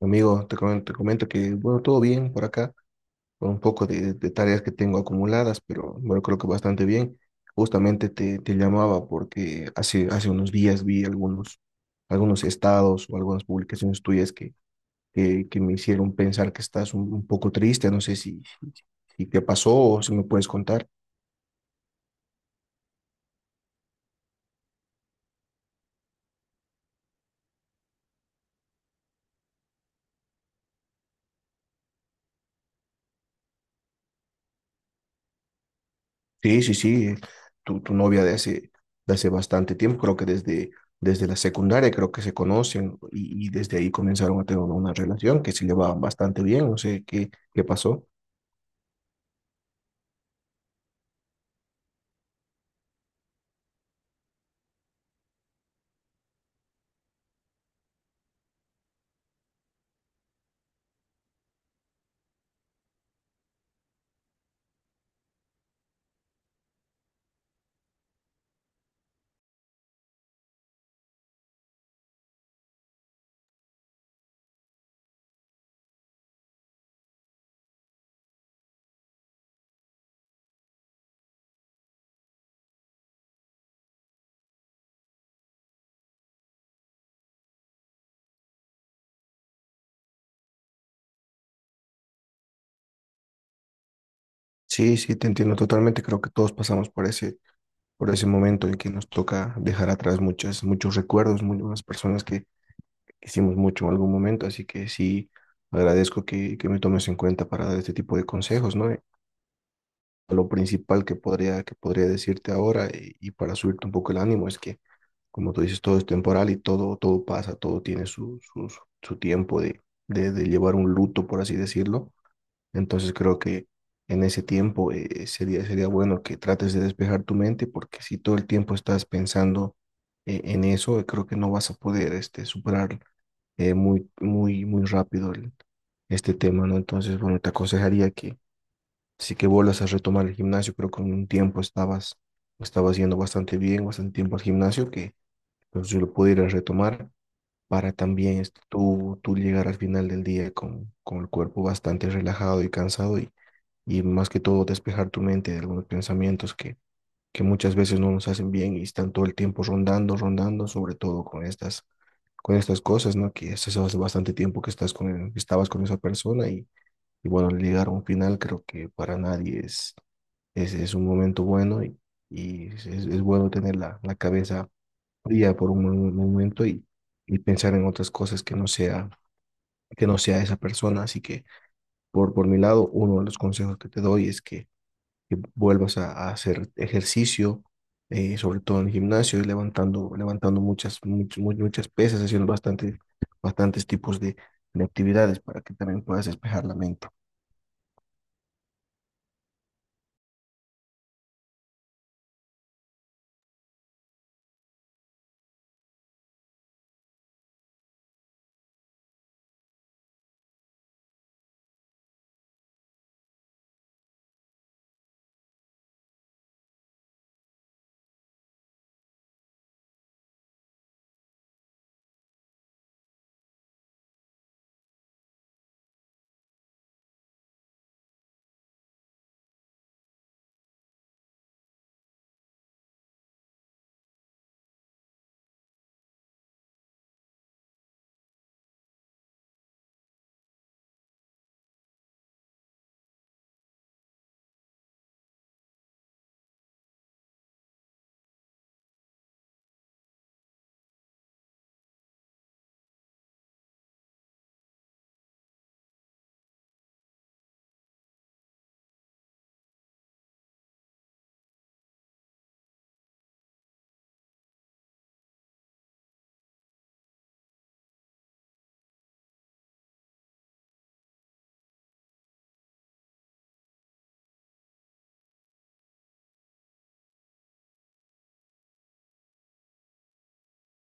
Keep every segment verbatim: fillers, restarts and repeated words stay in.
Amigo, te comento, te comento que, bueno, todo bien por acá, con un poco de, de tareas que tengo acumuladas, pero bueno, creo que bastante bien. Justamente te, te llamaba porque hace, hace unos días vi algunos, algunos estados o algunas publicaciones tuyas que, que, que me hicieron pensar que estás un, un poco triste. No sé si, si, si te pasó o si me puedes contar. Sí, sí, sí, eh, tu, tu novia de hace, de hace bastante tiempo, creo que desde, desde la secundaria creo que se conocen y, y desde ahí comenzaron a tener una relación que se llevaba bastante bien, no sé qué, qué pasó. Sí, sí, te entiendo totalmente, creo que todos pasamos por ese, por ese momento en que nos toca dejar atrás muchas, muchos recuerdos, muchas personas que hicimos mucho en algún momento, así que sí, agradezco que, que me tomes en cuenta para dar este tipo de consejos, ¿no? Lo principal que podría, que podría decirte ahora y, y para subirte un poco el ánimo es que, como tú dices, todo es temporal y todo, todo pasa, todo tiene su, su, su su tiempo de, de, de llevar un luto, por así decirlo. Entonces creo que en ese tiempo eh, sería, sería bueno que trates de despejar tu mente porque si todo el tiempo estás pensando eh, en eso, eh, creo que no vas a poder este, superar eh, muy, muy, muy rápido el- este tema, ¿no? Entonces, bueno, te aconsejaría que. Así que vuelvas a retomar el gimnasio. Creo que en un tiempo estabas, estabas yendo bastante bien, bastante tiempo al gimnasio, que pues, yo lo pudiera retomar para también este, tú, tú llegar al final del día con, con el cuerpo bastante relajado y cansado y, y más que todo despejar tu mente de algunos pensamientos que, que muchas veces no nos hacen bien y están todo el tiempo rondando, rondando, sobre todo con estas, con estas cosas, ¿no? Que es eso hace bastante tiempo que estás con, estabas con esa persona y, y bueno, al llegar a un final creo que para nadie es es, es un momento bueno y, y es, es- bueno tener la, la cabeza fría por un, mo- un momento y, y pensar en otras cosas que no sea, que no sea esa persona. Así que por, por mi lado, uno de los consejos que te doy es que, que vuelvas a, a hacer ejercicio, eh, sobre todo en el gimnasio, y levantando, levantando muchas, much- mu- muchas pesas, haciendo bastante, bastantes tipos de, de actividades para que también puedas despejar la mente.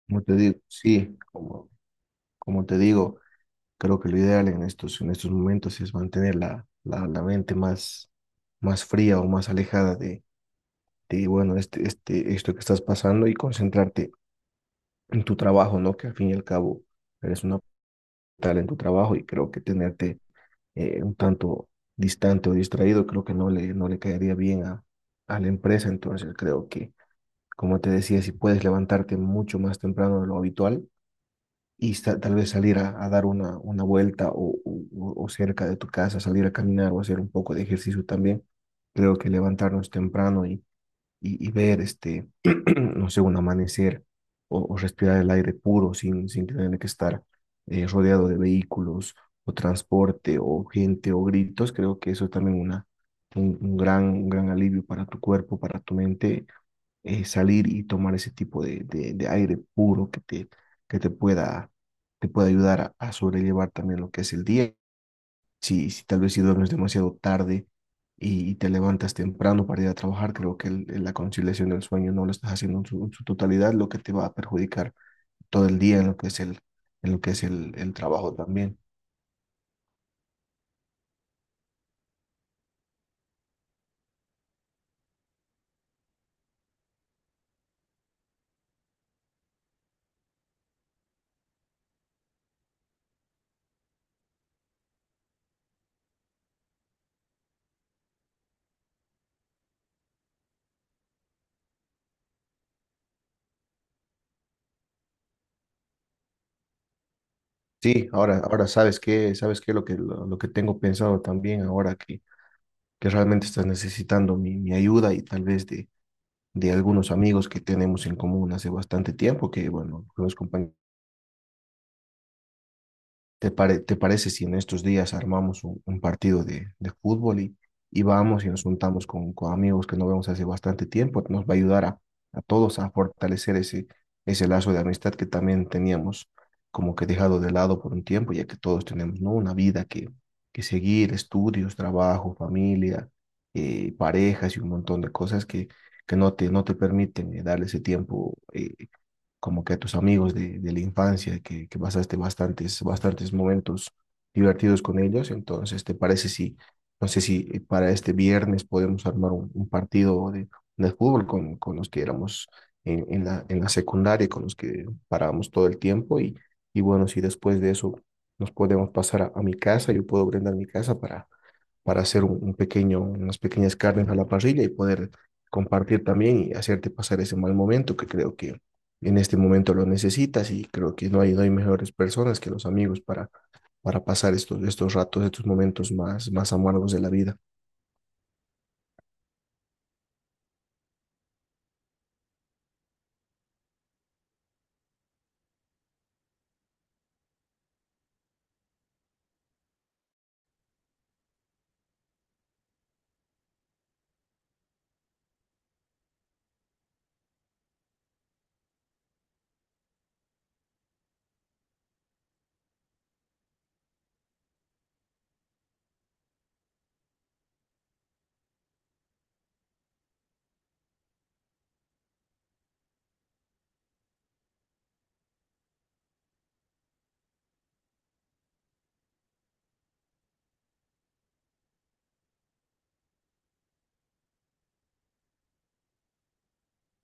Como te digo, sí, como, como te digo. Creo que lo ideal en estos, en estos momentos es mantener la, la, la mente más, más fría o más alejada de, de bueno, este, este, esto que estás pasando y concentrarte en tu trabajo, ¿no? Que al fin y al cabo eres una tal en tu trabajo y creo que tenerte eh, un tanto distante o distraído creo que no le, no le caería bien a, a la empresa. Entonces creo que, como te decía, si puedes levantarte mucho más temprano de lo habitual, y sa- tal vez salir a, a dar una, una vuelta o, o- o- cerca de tu casa, salir a caminar o hacer un poco de ejercicio también. Creo que levantarnos temprano y, y, y ver este, no sé, un amanecer o, o respirar el aire puro sin, sin tener que estar eh, rodeado de vehículos o transporte o gente o gritos, creo que eso es también una, un, un gran, un gran alivio para tu cuerpo, para tu mente eh, salir y tomar ese tipo de, de- de aire puro que te, que te pueda, te pueda ayudar a, a sobrellevar también lo que es el día. Si, si tal vez si duermes demasiado tarde y, y te levantas temprano para ir a trabajar, creo que el- la conciliación del sueño no lo estás haciendo en su, en su totalidad, lo que te va a perjudicar todo el día en lo que es el, en lo que es el, el trabajo también. Sí, ahora, ahora sabes qué, sabes qué, lo que, lo, lo que tengo pensado también ahora que, que realmente estás necesitando mi, mi ayuda y tal vez de, de algunos amigos que tenemos en común hace bastante tiempo, que bueno, los compañeros, ¿te, pare- te parece si en estos días armamos un, un partido de, de fútbol y, y vamos y nos juntamos con, con amigos que no vemos hace bastante tiempo? Nos va a ayudar a, a todos a fortalecer ese, ese lazo de amistad que también teníamos como que dejado de lado por un tiempo, ya que todos tenemos, ¿no? Una vida que, que seguir, estudios, trabajo, familia, eh, parejas y un montón de cosas que que no te, no te permiten eh, darle ese tiempo eh, como que a tus amigos de, de la infancia, que, que pasaste bastantes, bastantes momentos divertidos con ellos. Entonces, ¿te parece si, no sé si eh, para este viernes podemos armar un, un partido de, de fútbol con, con los que éramos en, en la, en la secundaria, con los que parábamos todo el tiempo? Y, y bueno, si después de eso nos podemos pasar a, a mi casa, yo puedo brindar mi casa para para hacer un, un pequeño, unas pequeñas carnes a la parrilla y poder compartir también y hacerte pasar ese mal momento que creo que en este momento lo necesitas y creo que no hay, no hay mejores personas que los amigos para, para pasar estos, estos ratos, estos momentos más, más amargos de la vida.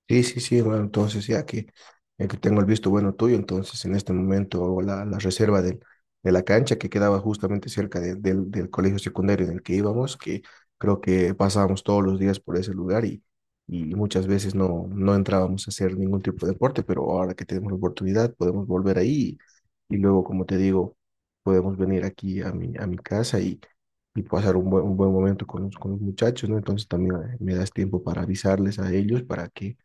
Sí, sí, sí, hermano. Entonces, ya que, ya que tengo el visto bueno tuyo, entonces en este momento hago la, la reserva del- de la cancha que quedaba justamente cerca de- del, del colegio secundario en el que íbamos, que creo que pasábamos todos los días por ese lugar y, y muchas veces no, no entrábamos a hacer ningún tipo de deporte, pero ahora que tenemos la oportunidad podemos volver ahí y, y luego, como te digo, podemos venir aquí a mi, a mi casa y, y pasar un buen, un buen momento con los, con los muchachos, ¿no? Entonces también eh, me das tiempo para avisarles a ellos para que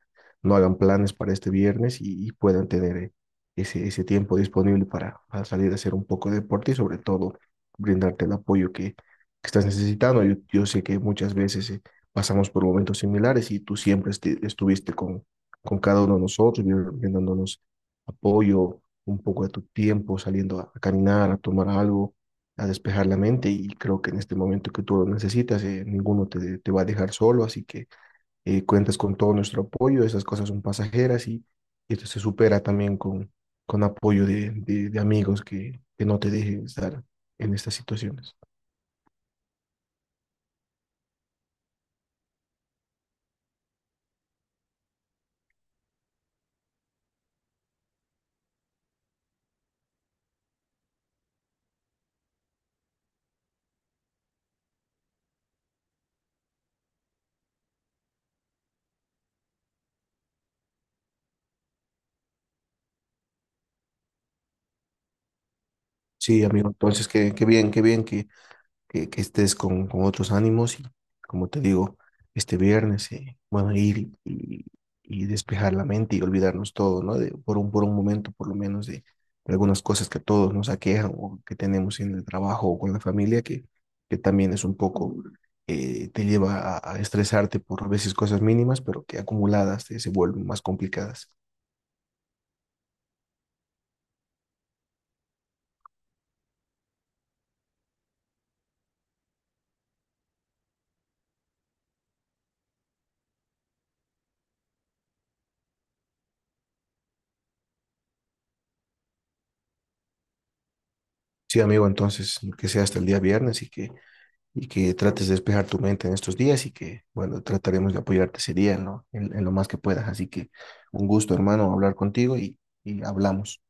no hagan planes para este viernes y, y puedan tener eh, ese, ese tiempo disponible para, para salir a hacer un poco de deporte y sobre todo brindarte el apoyo que, que estás necesitando. Yo, yo sé que muchas veces eh, pasamos por momentos similares y tú siempre esti- estuviste con, con cada uno de nosotros, brin- brindándonos apoyo, un poco de tu tiempo, saliendo a, a caminar, a tomar algo, a despejar la mente y creo que en este momento que tú lo necesitas, eh, ninguno te, te va a dejar solo, así que eh, cuentas con todo nuestro apoyo, esas cosas son pasajeras y, y esto se supera también con, con apoyo de, de, de amigos que, que no te dejen estar en estas situaciones. Sí, amigo, entonces qué, qué bien, qué bien que, que, que estés con, con otros ánimos y, como te digo, este viernes, eh, bueno, ir y, y despejar la mente y olvidarnos todo, ¿no? De, por un, por un momento, por lo menos, de, de algunas cosas que a todos nos aquejan o que tenemos en el trabajo o con la familia, que, que también es un poco, eh, te lleva a, a estresarte por a veces cosas mínimas, pero que acumuladas eh, se vuelven más complicadas. Sí, amigo, entonces, que sea hasta el día viernes y que y que trates de despejar tu mente en estos días y que, bueno, trataremos de apoyarte ese día en lo, en, en lo más que puedas. Así que un gusto, hermano, hablar contigo y, y hablamos.